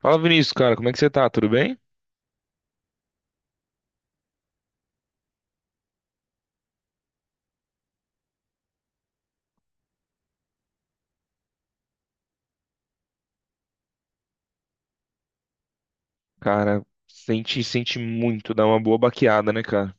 Fala, Vinícius, cara, como é que você tá? Tudo bem? Cara, sente, sente muito, dá uma boa baqueada, né, cara?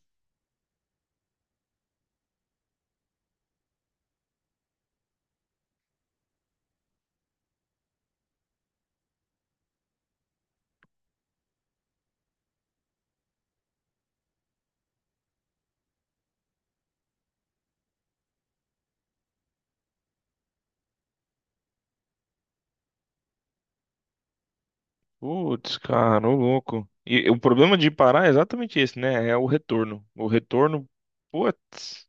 Putz, cara, ô louco. E, o problema de parar é exatamente esse, né? É o retorno. O retorno, putz.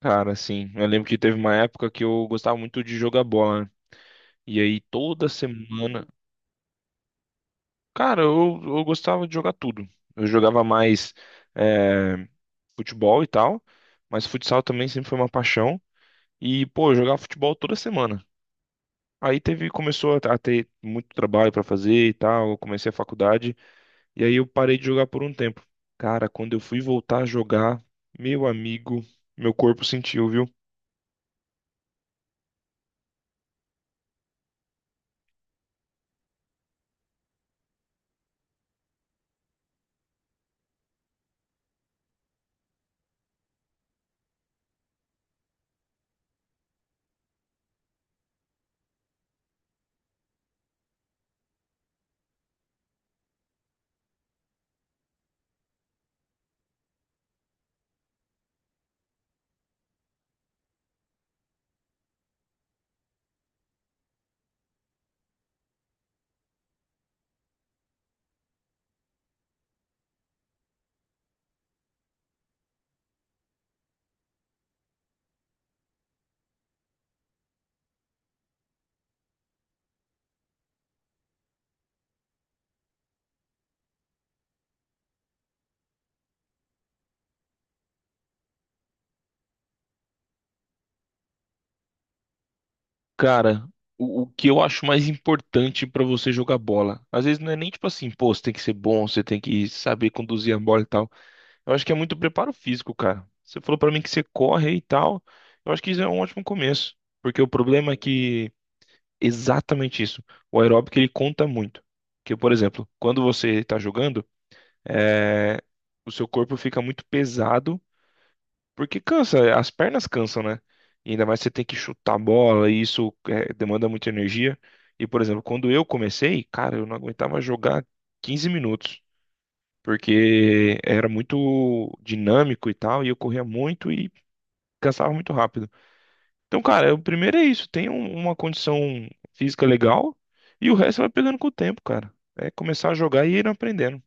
Cara, assim, eu lembro que teve uma época que eu gostava muito de jogar bola, e aí toda semana. Cara, eu gostava de jogar tudo. Eu jogava mais é, futebol e tal, mas futsal também sempre foi uma paixão. E, pô, eu jogava futebol toda semana. Aí teve, começou a ter muito trabalho pra fazer e tal. Eu comecei a faculdade. E aí eu parei de jogar por um tempo. Cara, quando eu fui voltar a jogar, meu amigo, meu corpo sentiu, viu? Cara, o que eu acho mais importante pra você jogar bola? Às vezes não é nem tipo assim, pô, você tem que ser bom, você tem que saber conduzir a bola e tal. Eu acho que é muito preparo físico, cara. Você falou pra mim que você corre e tal. Eu acho que isso é um ótimo começo, porque o problema é que exatamente isso. O aeróbico ele conta muito. Porque, por exemplo, quando você tá jogando, é, o seu corpo fica muito pesado porque cansa, as pernas cansam, né? E ainda mais você tem que chutar a bola, e isso demanda muita energia. E, por exemplo, quando eu comecei, cara, eu não aguentava jogar 15 minutos, porque era muito dinâmico e tal, e eu corria muito e cansava muito rápido. Então, cara, o primeiro é isso, uma condição física legal, e o resto vai pegando com o tempo, cara. É começar a jogar e ir aprendendo.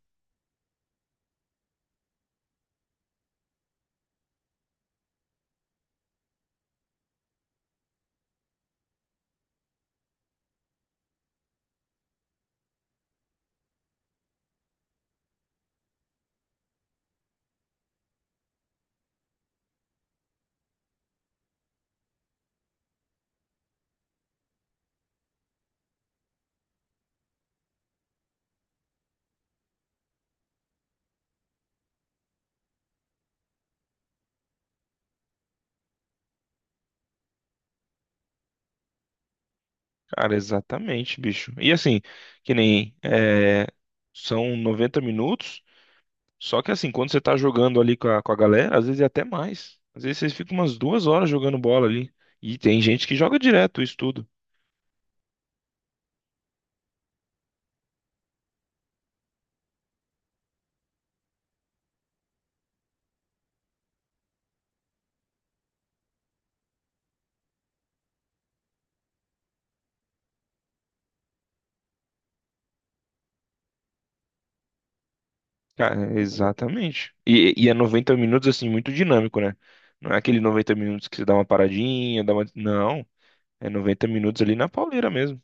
Cara, exatamente, bicho. E assim, que nem, são 90 minutos. Só que assim, quando você tá jogando ali com a galera, às vezes é até mais. Às vezes vocês ficam umas 2 horas jogando bola ali. E tem gente que joga direto isso tudo. Cara, exatamente. E é 90 minutos, assim, muito dinâmico, né? Não é aquele 90 minutos que você dá uma paradinha, dá uma... Não. É 90 minutos ali na pauleira mesmo.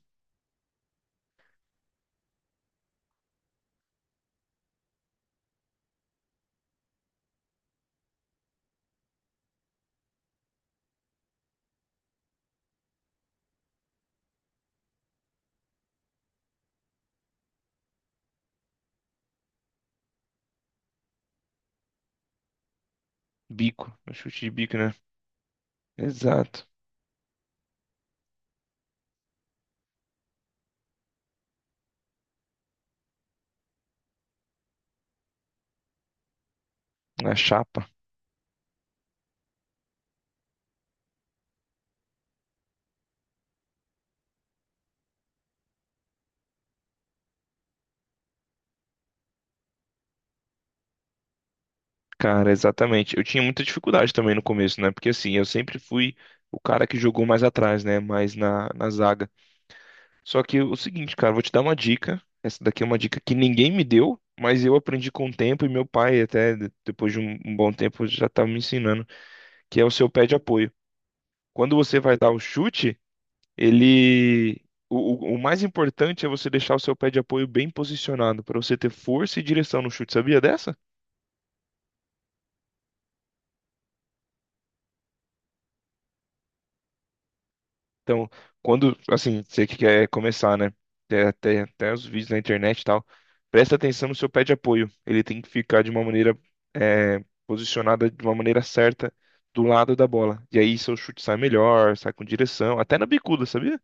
Bico. No chute de bico, né? Exato. Na chapa. Cara, exatamente. Eu tinha muita dificuldade também no começo, né? Porque assim, eu sempre fui o cara que jogou mais atrás, né? Mais na zaga. Só que o seguinte, cara, vou te dar uma dica. Essa daqui é uma dica que ninguém me deu, mas eu aprendi com o tempo e meu pai, depois de um bom tempo, já estava me ensinando, que é o seu pé de apoio. Quando você vai dar o chute, ele. O mais importante é você deixar o seu pé de apoio bem posicionado, para você ter força e direção no chute. Sabia dessa? Então, quando, assim, você que quer começar, né? Tem até os vídeos na internet e tal. Presta atenção no seu pé de apoio. Ele tem que ficar de uma maneira, posicionada de uma maneira certa do lado da bola. E aí seu chute sai melhor, sai com direção, até na bicuda, sabia?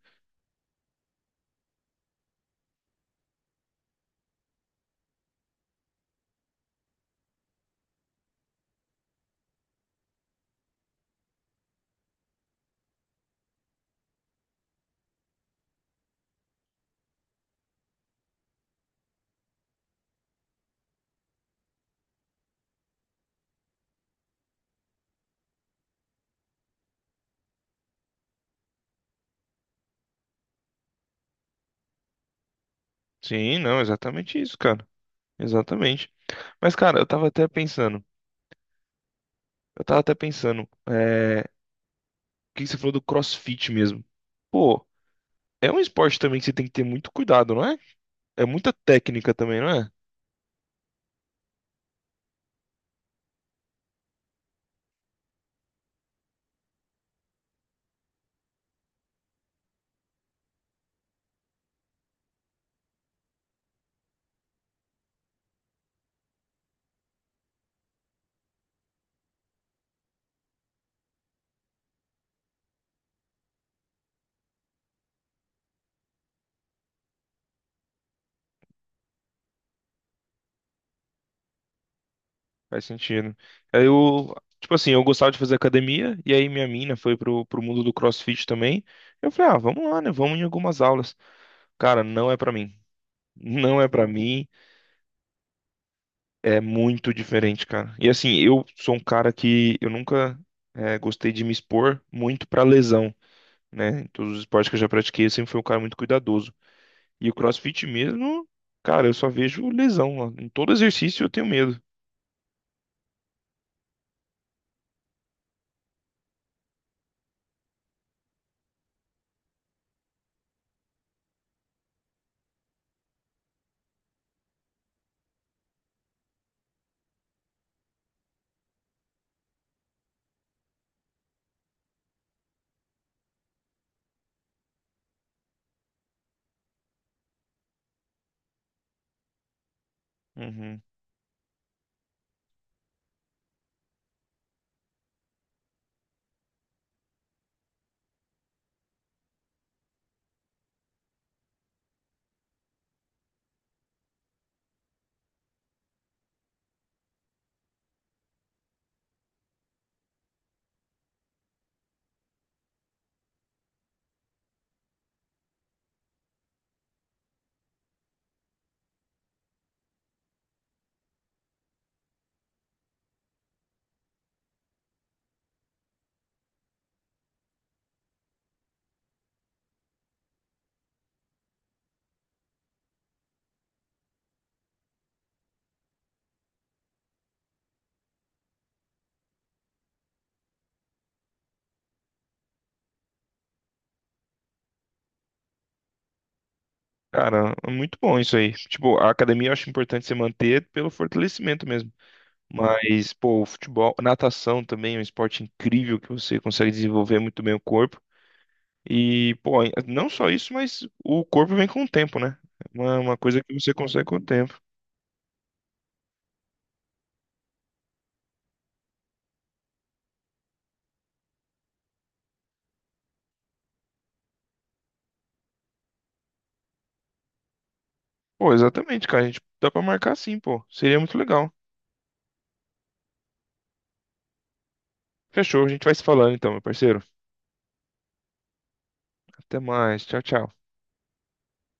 Sim, não, exatamente isso, cara. Exatamente. Mas, cara, eu tava até pensando. Eu tava até pensando. É, o que que você falou do CrossFit mesmo? Pô, é um esporte também que você tem que ter muito cuidado, não é? É muita técnica também, não é? Faz sentido. Aí eu, tipo assim, eu gostava de fazer academia, e aí minha mina foi pro mundo do CrossFit também. Eu falei, ah, vamos lá, né? Vamos em algumas aulas. Cara, não é pra mim. Não é pra mim. É muito diferente, cara. E assim, eu sou um cara que eu nunca gostei de me expor muito pra lesão, né? Em todos os esportes que eu já pratiquei, eu sempre fui um cara muito cuidadoso. E o CrossFit mesmo, cara, eu só vejo lesão lá. Em todo exercício eu tenho medo. Uhum. Cara, é muito bom isso aí. Tipo, a academia eu acho importante você manter pelo fortalecimento mesmo. Mas, pô, o futebol, natação também é um esporte incrível que você consegue desenvolver muito bem o corpo. E, pô, não só isso, mas o corpo vem com o tempo, né? É uma coisa que você consegue com o tempo. Pô, exatamente, cara. A gente dá pra marcar sim, pô. Seria muito legal. Fechou, a gente vai se falando então, meu parceiro. Até mais. Tchau, tchau.